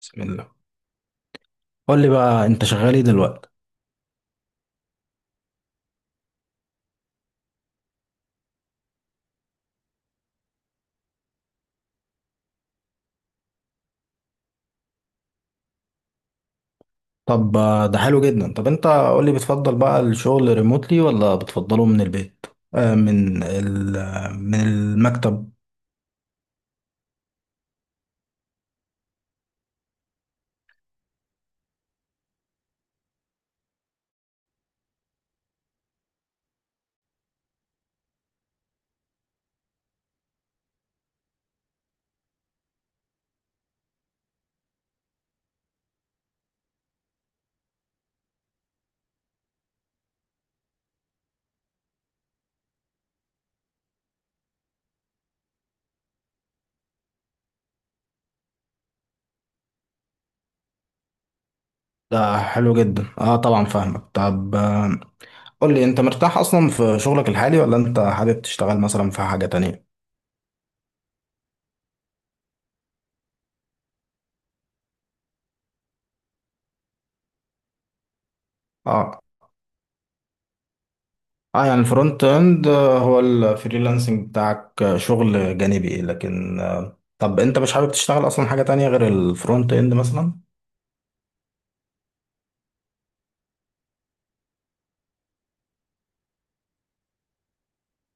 بسم الله. قول لي بقى انت شغال ايه دلوقتي؟ طب ده حلو جدا. طب انت قول لي، بتفضل بقى الشغل ريموتلي ولا بتفضله من البيت؟ آه من ال آه، من المكتب. ده حلو جدا. اه، طبعا فاهمك. طب قول لي، انت مرتاح اصلا في شغلك الحالي ولا انت حابب تشتغل مثلا في حاجة تانية؟ اه. اه، يعني الفرونت اند هو الفريلانسنج بتاعك، شغل جانبي. لكن طب انت مش حابب تشتغل اصلا حاجة تانية غير الفرونت اند مثلا؟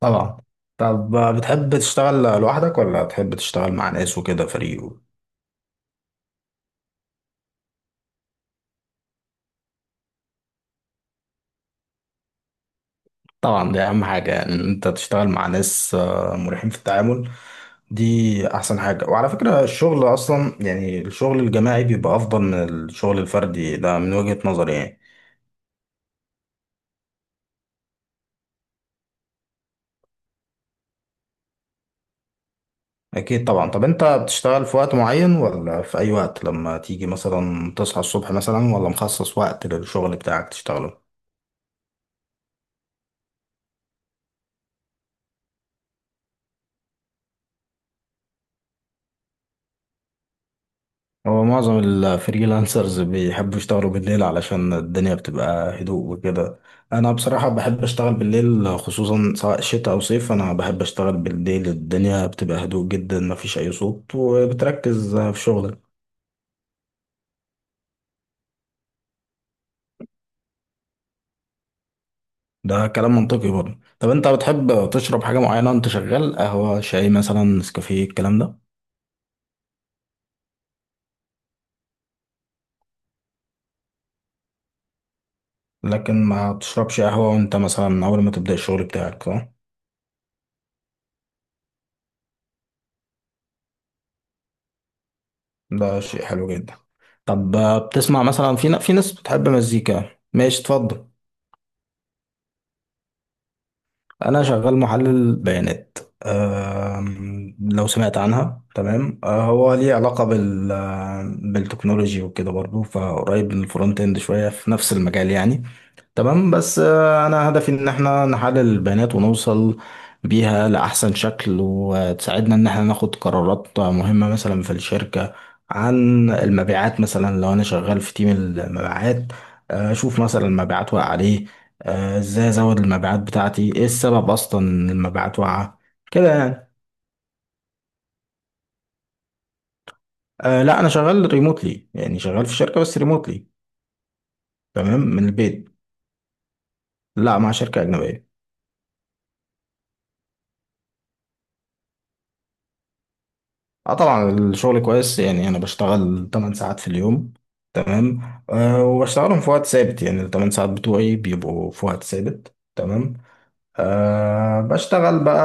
طبعا. طب بتحب تشتغل لوحدك ولا بتحب تشتغل مع ناس وكده، فريق طبعا، دي اهم حاجة، يعني ان انت تشتغل مع ناس مريحين في التعامل. دي احسن حاجة. وعلى فكرة الشغل اصلا، يعني الشغل الجماعي بيبقى افضل من الشغل الفردي، ده من وجهة نظري يعني. اكيد طبعا. طب انت بتشتغل في وقت معين ولا في اي وقت لما تيجي مثلا تصحى الصبح مثلا، ولا مخصص وقت للشغل بتاعك تشتغله؟ هو معظم الفريلانسرز بيحبوا يشتغلوا بالليل علشان الدنيا بتبقى هدوء وكده. انا بصراحة بحب اشتغل بالليل، خصوصا سواء شتاء او صيف. انا بحب اشتغل بالليل، الدنيا بتبقى هدوء جدا، مفيش اي صوت، وبتركز في شغلك. ده كلام منطقي برضه. طب انت بتحب تشرب حاجة معينة وانت شغال؟ قهوة، شاي مثلا، نسكافيه، الكلام ده. لكن ما تشربش قهوة وانت مثلا اول ما تبدأ الشغل بتاعك، صح؟ ده شيء حلو جدا. طب بتسمع مثلا في في ناس بتحب مزيكا؟ ماشي، اتفضل. انا شغال محلل بيانات. لو سمعت عنها تمام. هو ليه علاقة بالتكنولوجي وكده برضو، فقريب من الفرونت اند شوية، في نفس المجال يعني. تمام. بس انا هدفي ان احنا نحلل البيانات ونوصل بيها لاحسن شكل، وتساعدنا ان احنا ناخد قرارات مهمة مثلا في الشركة. عن المبيعات، مثلا لو انا شغال في تيم المبيعات، اشوف مثلا المبيعات واقعة عليه، ازاي ازود المبيعات بتاعتي، ايه السبب اصلا ان المبيعات واقعة، كده يعني. أه لا، انا شغال ريموتلي، يعني شغال في شركة بس ريموتلي. تمام، من البيت. لا، مع شركة أجنبية. اه طبعا، الشغل كويس. يعني انا بشتغل 8 ساعات في اليوم، تمام. أه، وبشتغلهم في وقت ثابت، يعني ال 8 ساعات بتوعي بيبقوا في وقت ثابت، تمام. أه، بشتغل بقى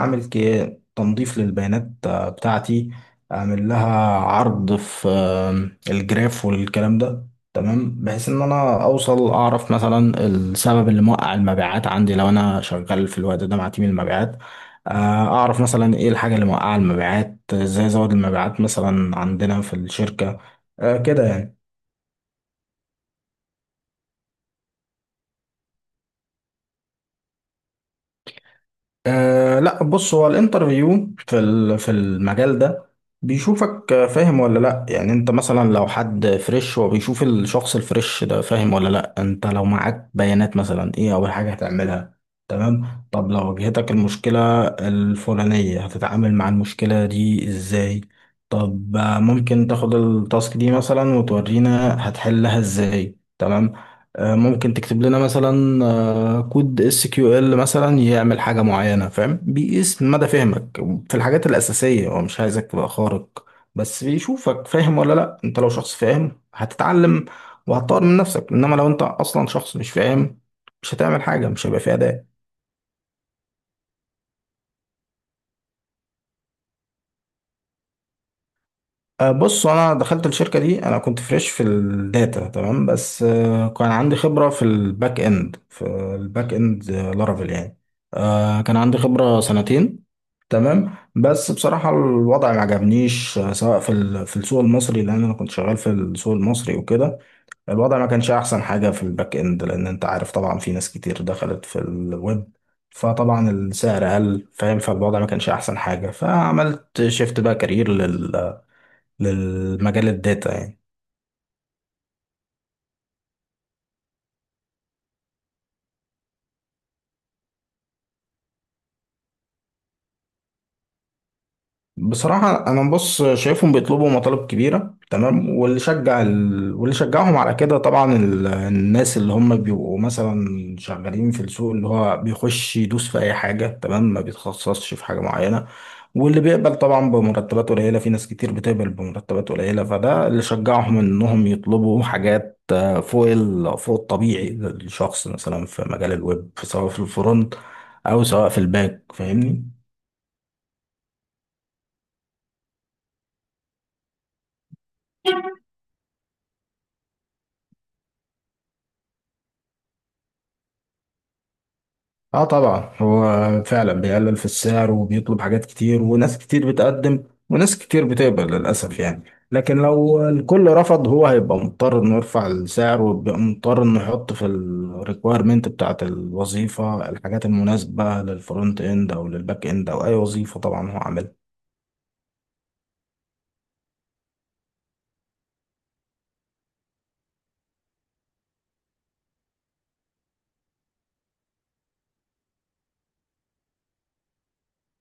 عامل كي، تنظيف للبيانات بتاعتي. اعمل لها عرض في الجراف والكلام ده، تمام، بحيث ان انا اوصل اعرف مثلا السبب اللي موقع المبيعات عندي، لو انا شغال في الوقت ده مع تيم المبيعات. آه، اعرف مثلا ايه الحاجة اللي موقعة المبيعات، ازاي ازود المبيعات مثلا عندنا في الشركة. أه، كده يعني. أه لا، بص، هو الانترفيو في المجال ده بيشوفك فاهم ولا لا. يعني انت مثلا، لو حد فريش، هو بيشوف الشخص الفريش ده فاهم ولا لا. انت لو معاك بيانات مثلا، ايه اول حاجة هتعملها؟ تمام. طب لو واجهتك المشكلة الفلانية، هتتعامل مع المشكلة دي ازاي؟ طب ممكن تاخد التاسك دي مثلا وتورينا هتحلها ازاي، تمام. ممكن تكتب لنا مثلا كود اس كيو ال مثلا يعمل حاجه معينه، فاهم، بيقيس مدى فهمك في الحاجات الاساسيه، هو مش عايزك تبقى خارق، بس بيشوفك فاهم ولا لا. انت لو شخص فاهم، هتتعلم وهتطور من نفسك. انما لو انت اصلا شخص مش فاهم، مش هتعمل حاجه، مش هيبقى فيها اداء. بص، انا دخلت الشركه دي انا كنت فريش في الداتا، تمام. بس كان عندي خبره في الباك اند، في الباك اند لارافيل يعني. كان عندي خبره سنتين، تمام. بس بصراحه الوضع ما عجبنيش، سواء في السوق المصري، لان انا كنت شغال في السوق المصري وكده. الوضع ما كانش احسن حاجه في الباك اند، لان انت عارف طبعا، في ناس كتير دخلت في الويب، فطبعا السعر قل، فاهم، فالوضع ما كانش احسن حاجه، فعملت شيفت بقى كارير للمجال الداتا يعني. بصراحة، أنا بص شايفهم بيطلبوا مطالب كبيرة، تمام. واللي شجعهم على كده طبعا، الناس اللي هم بيبقوا مثلا شغالين في السوق، اللي هو بيخش يدوس في أي حاجة، تمام، ما بيتخصصش في حاجة معينة. واللي بيقبل طبعا بمرتبات قليلة، في ناس كتير بتقبل بمرتبات قليلة، فده اللي شجعهم إنهم يطلبوا حاجات فوق الطبيعي للشخص مثلا في مجال الويب، سواء في الفرونت، أو سواء في الباك، فاهمني؟ اه طبعا، هو فعلا بيقلل في السعر وبيطلب حاجات كتير، وناس كتير بتقدم، وناس كتير بتقبل للأسف يعني. لكن لو الكل رفض، هو هيبقى مضطر انه يرفع السعر، ويبقى مضطر انه يحط في الريكويرمنت بتاعت الوظيفة الحاجات المناسبة للفرونت اند او للباك اند، او اي وظيفة طبعا هو عاملها.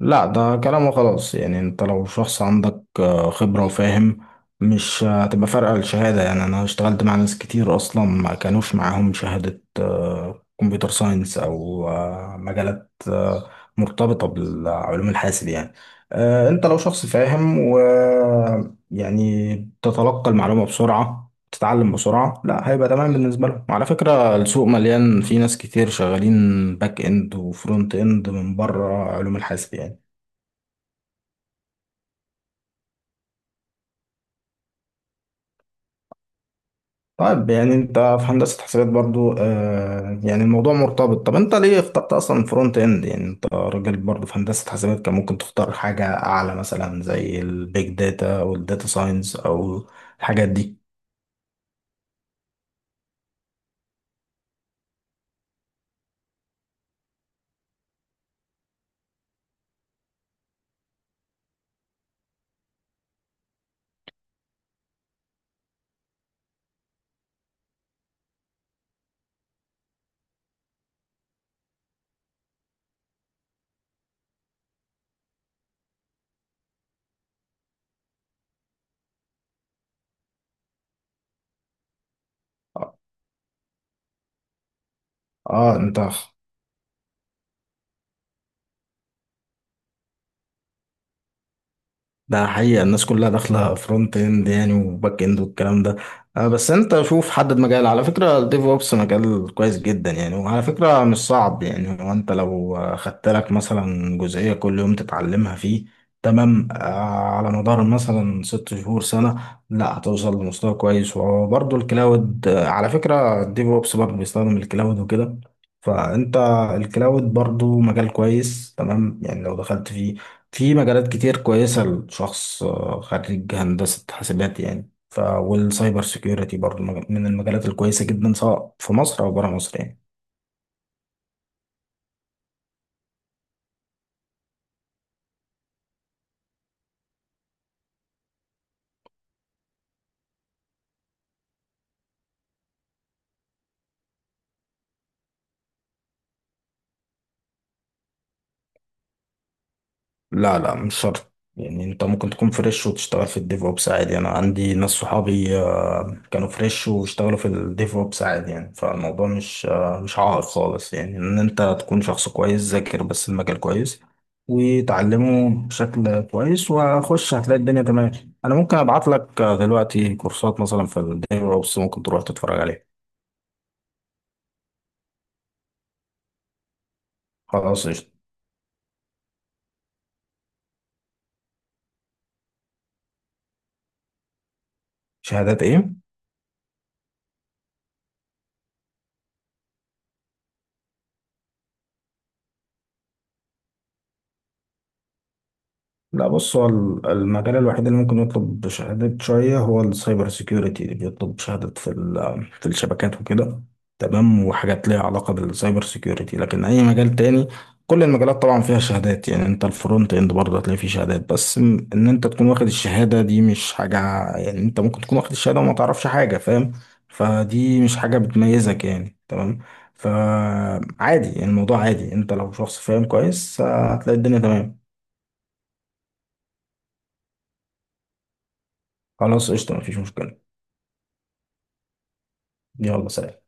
لا، ده كلامه خلاص. يعني انت لو شخص عندك خبرة وفاهم، مش هتبقى فارقة الشهادة. يعني انا اشتغلت مع ناس كتير اصلا ما كانوش معاهم شهادة كمبيوتر ساينس، او مجالات مرتبطة بالعلوم الحاسب يعني. انت لو شخص فاهم، و يعني تتلقى المعلومة بسرعة، تتعلم بسرعة، لا هيبقى تمام بالنسبة لهم. وعلى فكرة السوق مليان، في ناس كتير شغالين باك اند وفرونت اند من بره علوم الحاسب يعني. طيب، يعني انت في هندسة حسابات برضو، يعني الموضوع مرتبط. طب انت ليه اخترت اصلا فرونت اند؟ يعني انت راجل برضو في هندسة حسابات، كان ممكن تختار حاجة اعلى، مثلا زي البيج داتا والداتا ساينس، او الحاجات دي. اه، انت ده حقيقة، الناس كلها داخلة فرونت اند يعني، وباك اند والكلام ده. بس انت شوف، حدد مجال. على فكرة الديف اوبس مجال كويس جدا يعني، وعلى فكرة مش صعب. يعني هو انت لو خدت لك مثلا جزئية كل يوم تتعلمها فيه، تمام، على مدار مثلا 6 شهور، سنة، لا هتوصل لمستوى كويس. وبرضه الكلاود، على فكرة الديف اوبس برضه بيستخدم الكلاود وكده، فانت الكلاود برضه مجال كويس، تمام يعني لو دخلت فيه. في مجالات كتير كويسة لشخص خريج هندسة حاسبات يعني. والسايبر سيكيورتي برضو من المجالات الكويسة جدا، سواء في مصر أو برا مصر يعني. لا، لا، مش شرط. يعني انت ممكن تكون فريش وتشتغل في الديف اوبس عادي. انا عندي ناس صحابي كانوا فريش واشتغلوا في الديف اوبس عادي يعني. فالموضوع مش عائق خالص، يعني ان انت تكون شخص كويس ذاكر بس المجال كويس وتعلمه بشكل كويس، وخش هتلاقي الدنيا تمام. انا ممكن ابعت لك دلوقتي كورسات مثلا في الديف اوبس، ممكن تروح تتفرج عليها. خلاص قشطة. شهادات ايه؟ لا، بص، هو المجال الوحيد اللي ممكن يطلب شهادة شوية هو السايبر سيكيورتي، اللي بيطلب شهادة في الشبكات وكده، تمام، وحاجات ليها علاقة بالسايبر سيكيورتي. لكن أي مجال تاني، كل المجالات طبعا فيها شهادات يعني. أنت الفرونت إند برضه هتلاقي فيه شهادات، بس إن أنت تكون واخد الشهادة دي مش حاجة. يعني أنت ممكن تكون واخد الشهادة وما تعرفش حاجة، فاهم. فدي مش حاجة بتميزك يعني، تمام. فعادي يعني، الموضوع عادي. أنت لو شخص فاهم كويس هتلاقي الدنيا تمام. خلاص قشطة، مفيش مشكلة. يلا، سلام.